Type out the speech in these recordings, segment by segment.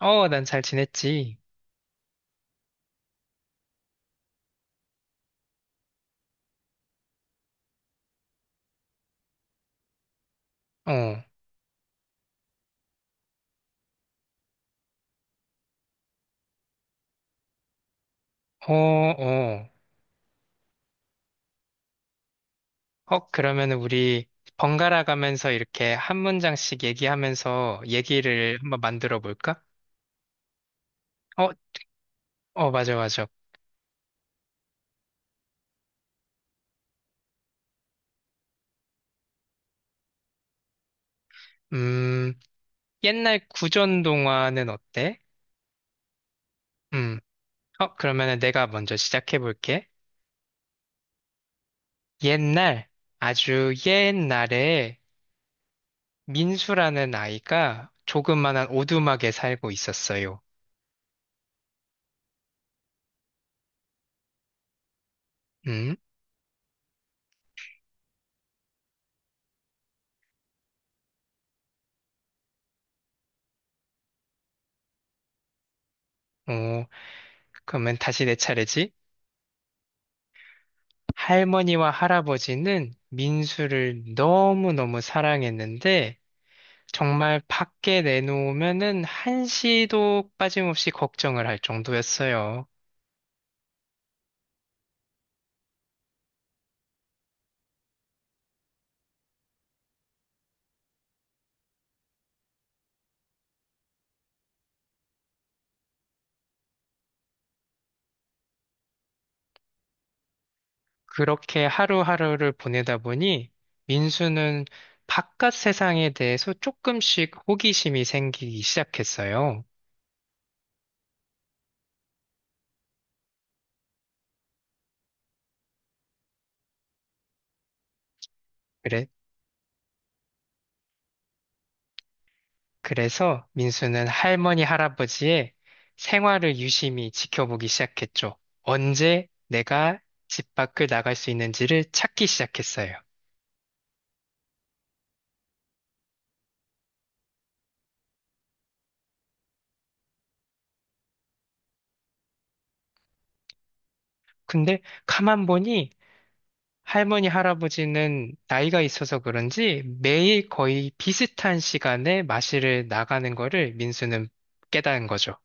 어, 난 잘 지냈지. 어, 어, 어. 어, 그러면 우리 번갈아 가면서 이렇게 한 문장씩 얘기하면서 얘기를 한번 만들어 볼까? 어, 어, 맞아, 맞아. 음, 옛날 구전 동화는 어때? 음, 어, 그러면 내가 먼저 시작해 볼게. 옛날, 아주 옛날에 민수라는 아이가 조그만한 오두막에 살고 있었어요. 음, 어, 그러면 다시 내 차례지? 할머니와 할아버지는 민수를 너무너무 사랑했는데, 정말 밖에 내놓으면은 한시도 빠짐없이 걱정을 할 정도였어요. 그렇게 하루하루를 보내다 보니, 민수는 바깥 세상에 대해서 조금씩 호기심이 생기기 시작했어요. 그래, 그래서 민수는 할머니, 할아버지의 생활을 유심히 지켜보기 시작했죠. 언제 내가 집 밖을 나갈 수 있는지를 찾기 시작했어요. 근데 가만 보니 할머니, 할아버지는 나이가 있어서 그런지 매일 거의 비슷한 시간에 마실을 나가는 거를 민수는 깨달은 거죠.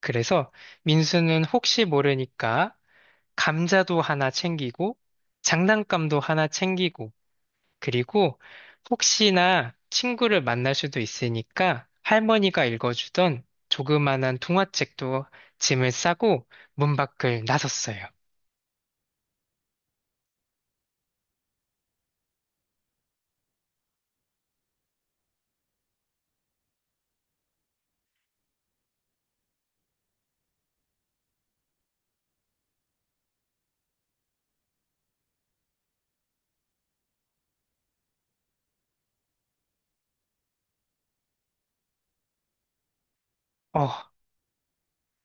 그래서 민수는 혹시 모르니까 감자도 하나 챙기고 장난감도 하나 챙기고 그리고 혹시나 친구를 만날 수도 있으니까 할머니가 읽어주던 조그만한 동화책도 짐을 싸고 문 밖을 나섰어요. 어,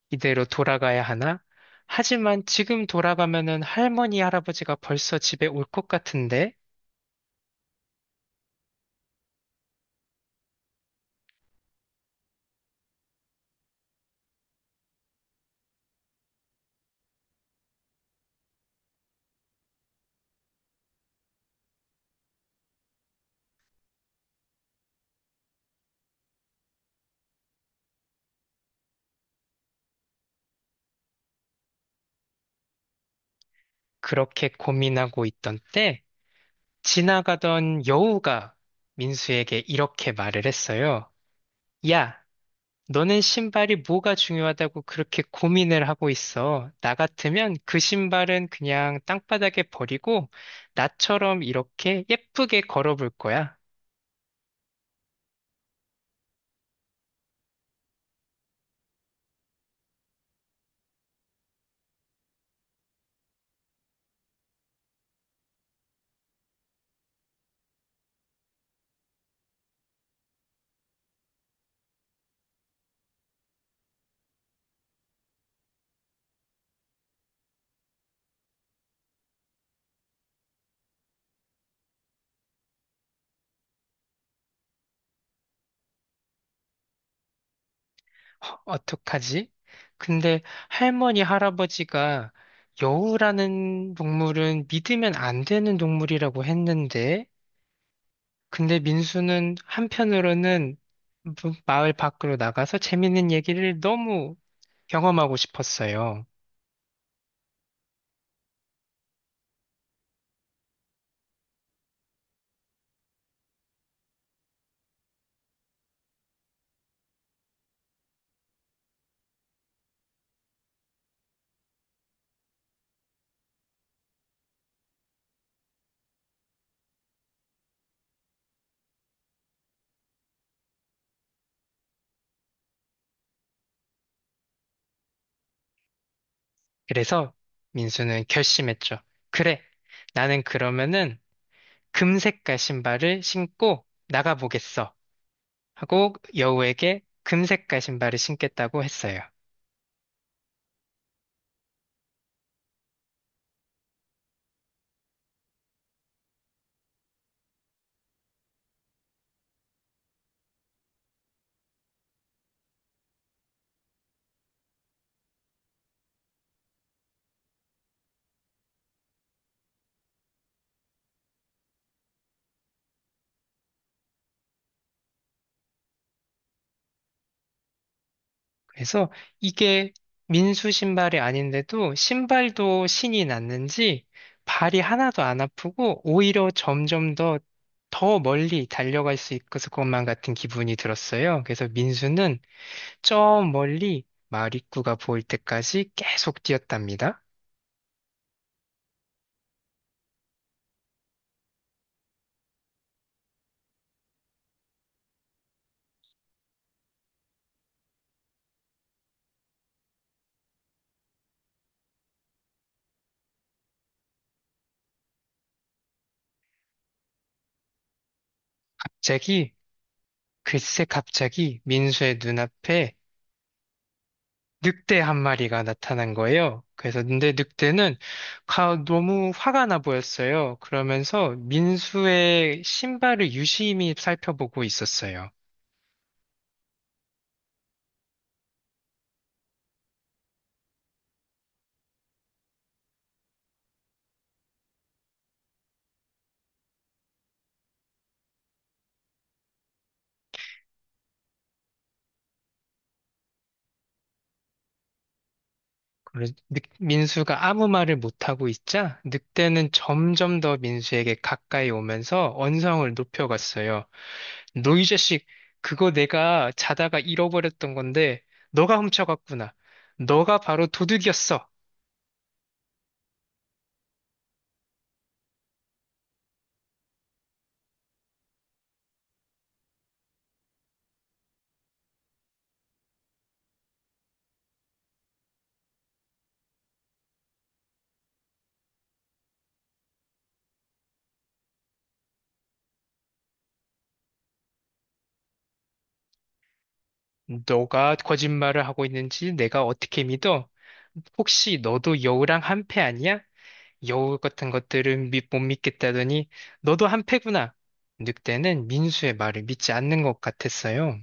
이대로 돌아가야 하나? 하지만 지금 돌아가면은 할머니, 할아버지가 벌써 집에 올 것 같은데? 그렇게 고민하고 있던 때 지나가던 여우가 민수에게 이렇게 말을 했어요. 야, 너는 신발이 뭐가 중요하다고 그렇게 고민을 하고 있어? 나 같으면 그 신발은 그냥 땅바닥에 버리고 나처럼 이렇게 예쁘게 걸어볼 거야. 허, 어떡하지? 근데 할머니, 할아버지가 여우라는 동물은 믿으면 안 되는 동물이라고 했는데, 근데 민수는 한편으로는 마을 밖으로 나가서 재밌는 얘기를 너무 경험하고 싶었어요. 그래서 민수는 결심했죠. 그래, 나는 그러면은 금색깔 신발을 신고 나가보겠어. 하고 여우에게 금색깔 신발을 신겠다고 했어요. 그래서 이게 민수 신발이 아닌데도 신발도 신이 났는지 발이 하나도 안 아프고 오히려 점점 더 더 멀리 달려갈 수 있을 것만 같은 기분이 들었어요. 그래서 민수는 저 멀리 마을 입구가 보일 때까지 계속 뛰었답니다. 갑자기, 글쎄 갑자기 민수의 눈앞에 늑대 한 마리가 나타난 거예요. 그래서 근데 늑대는 너무 화가 나 보였어요. 그러면서 민수의 신발을 유심히 살펴보고 있었어요. 그래서 민수가 아무 말을 못하고 있자 늑대는 점점 더 민수에게 가까이 오면서 언성을 높여갔어요. 너 이 자식, 그거 내가 자다가 잃어버렸던 건데 너가 훔쳐갔구나. 너가 바로 도둑이었어. 너가 거짓말을 하고 있는지 내가 어떻게 믿어? 혹시 너도 여우랑 한패 아니야? 여우 같은 것들은 못 믿겠다더니 너도 한패구나. 늑대는 민수의 말을 믿지 않는 것 같았어요.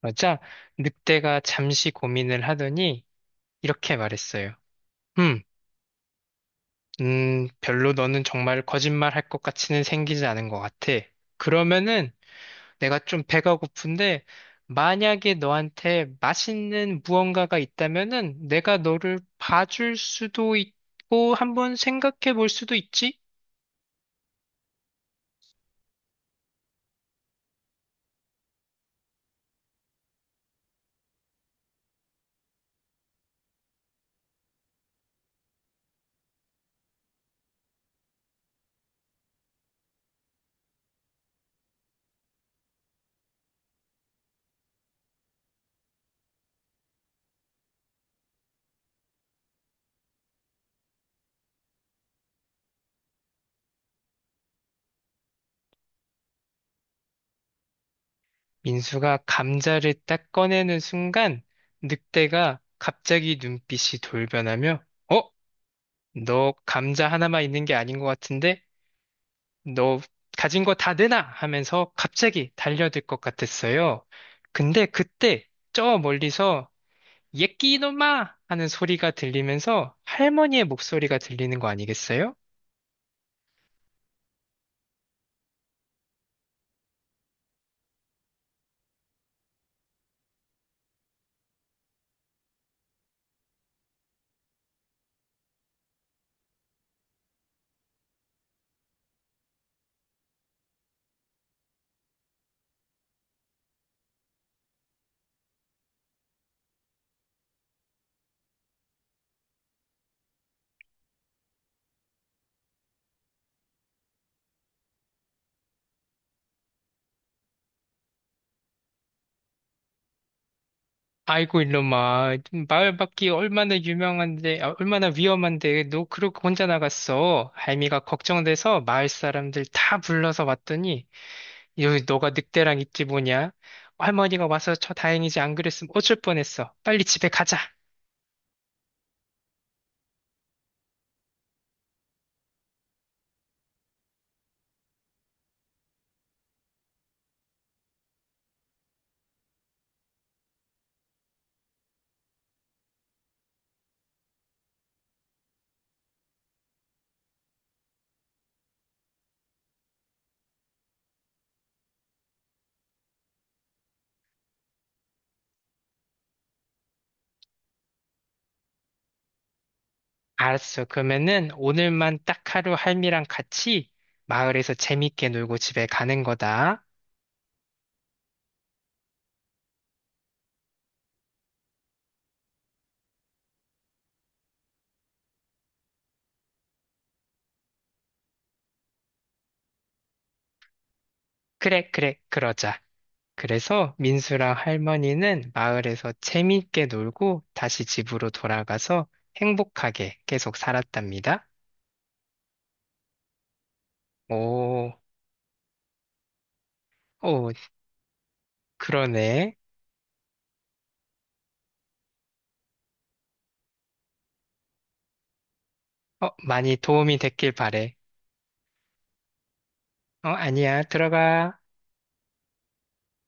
맞아. 늑대가 잠시 고민을 하더니 이렇게 말했어요. 음, 별로 너는 정말 거짓말 할 것 같이는 생기지 않은 것 같아. 그러면은 내가 좀 배가 고픈데 만약에 너한테 맛있는 무언가가 있다면은 내가 너를 봐줄 수도 있고 한번 생각해 볼 수도 있지? 민수가 감자를 딱 꺼내는 순간 늑대가 갑자기 눈빛이 돌변하며 어? 너 감자 하나만 있는 게 아닌 것 같은데, 너 가진 거 다 내놔! 하면서 갑자기 달려들 것 같았어요. 근데 그때 저 멀리서 예끼 이놈아! 하는 소리가 들리면서 할머니의 목소리가 들리는 거 아니겠어요? 아이고 이놈아, 마을 밖이 얼마나 유명한데, 아, 얼마나 위험한데, 너 그러고 혼자 나갔어. 할미가 걱정돼서 마을 사람들 다 불러서 왔더니 여기 너가 늑대랑 있지 뭐냐? 할머니가 와서 저 다행이지 안 그랬으면 어쩔 뻔했어. 빨리 집에 가자. 알았어. 그러면은 오늘만 딱 하루 할미랑 같이 마을에서 재밌게 놀고 집에 가는 거다. 그래, 그래, 그러자. 그래서 민수랑 할머니는 마을에서 재밌게 놀고 다시 집으로 돌아가서 행복하게 계속 살았답니다. 오, 오, 그러네. 어, 많이 도움이 됐길 바래. 어, 아니야. 들어가.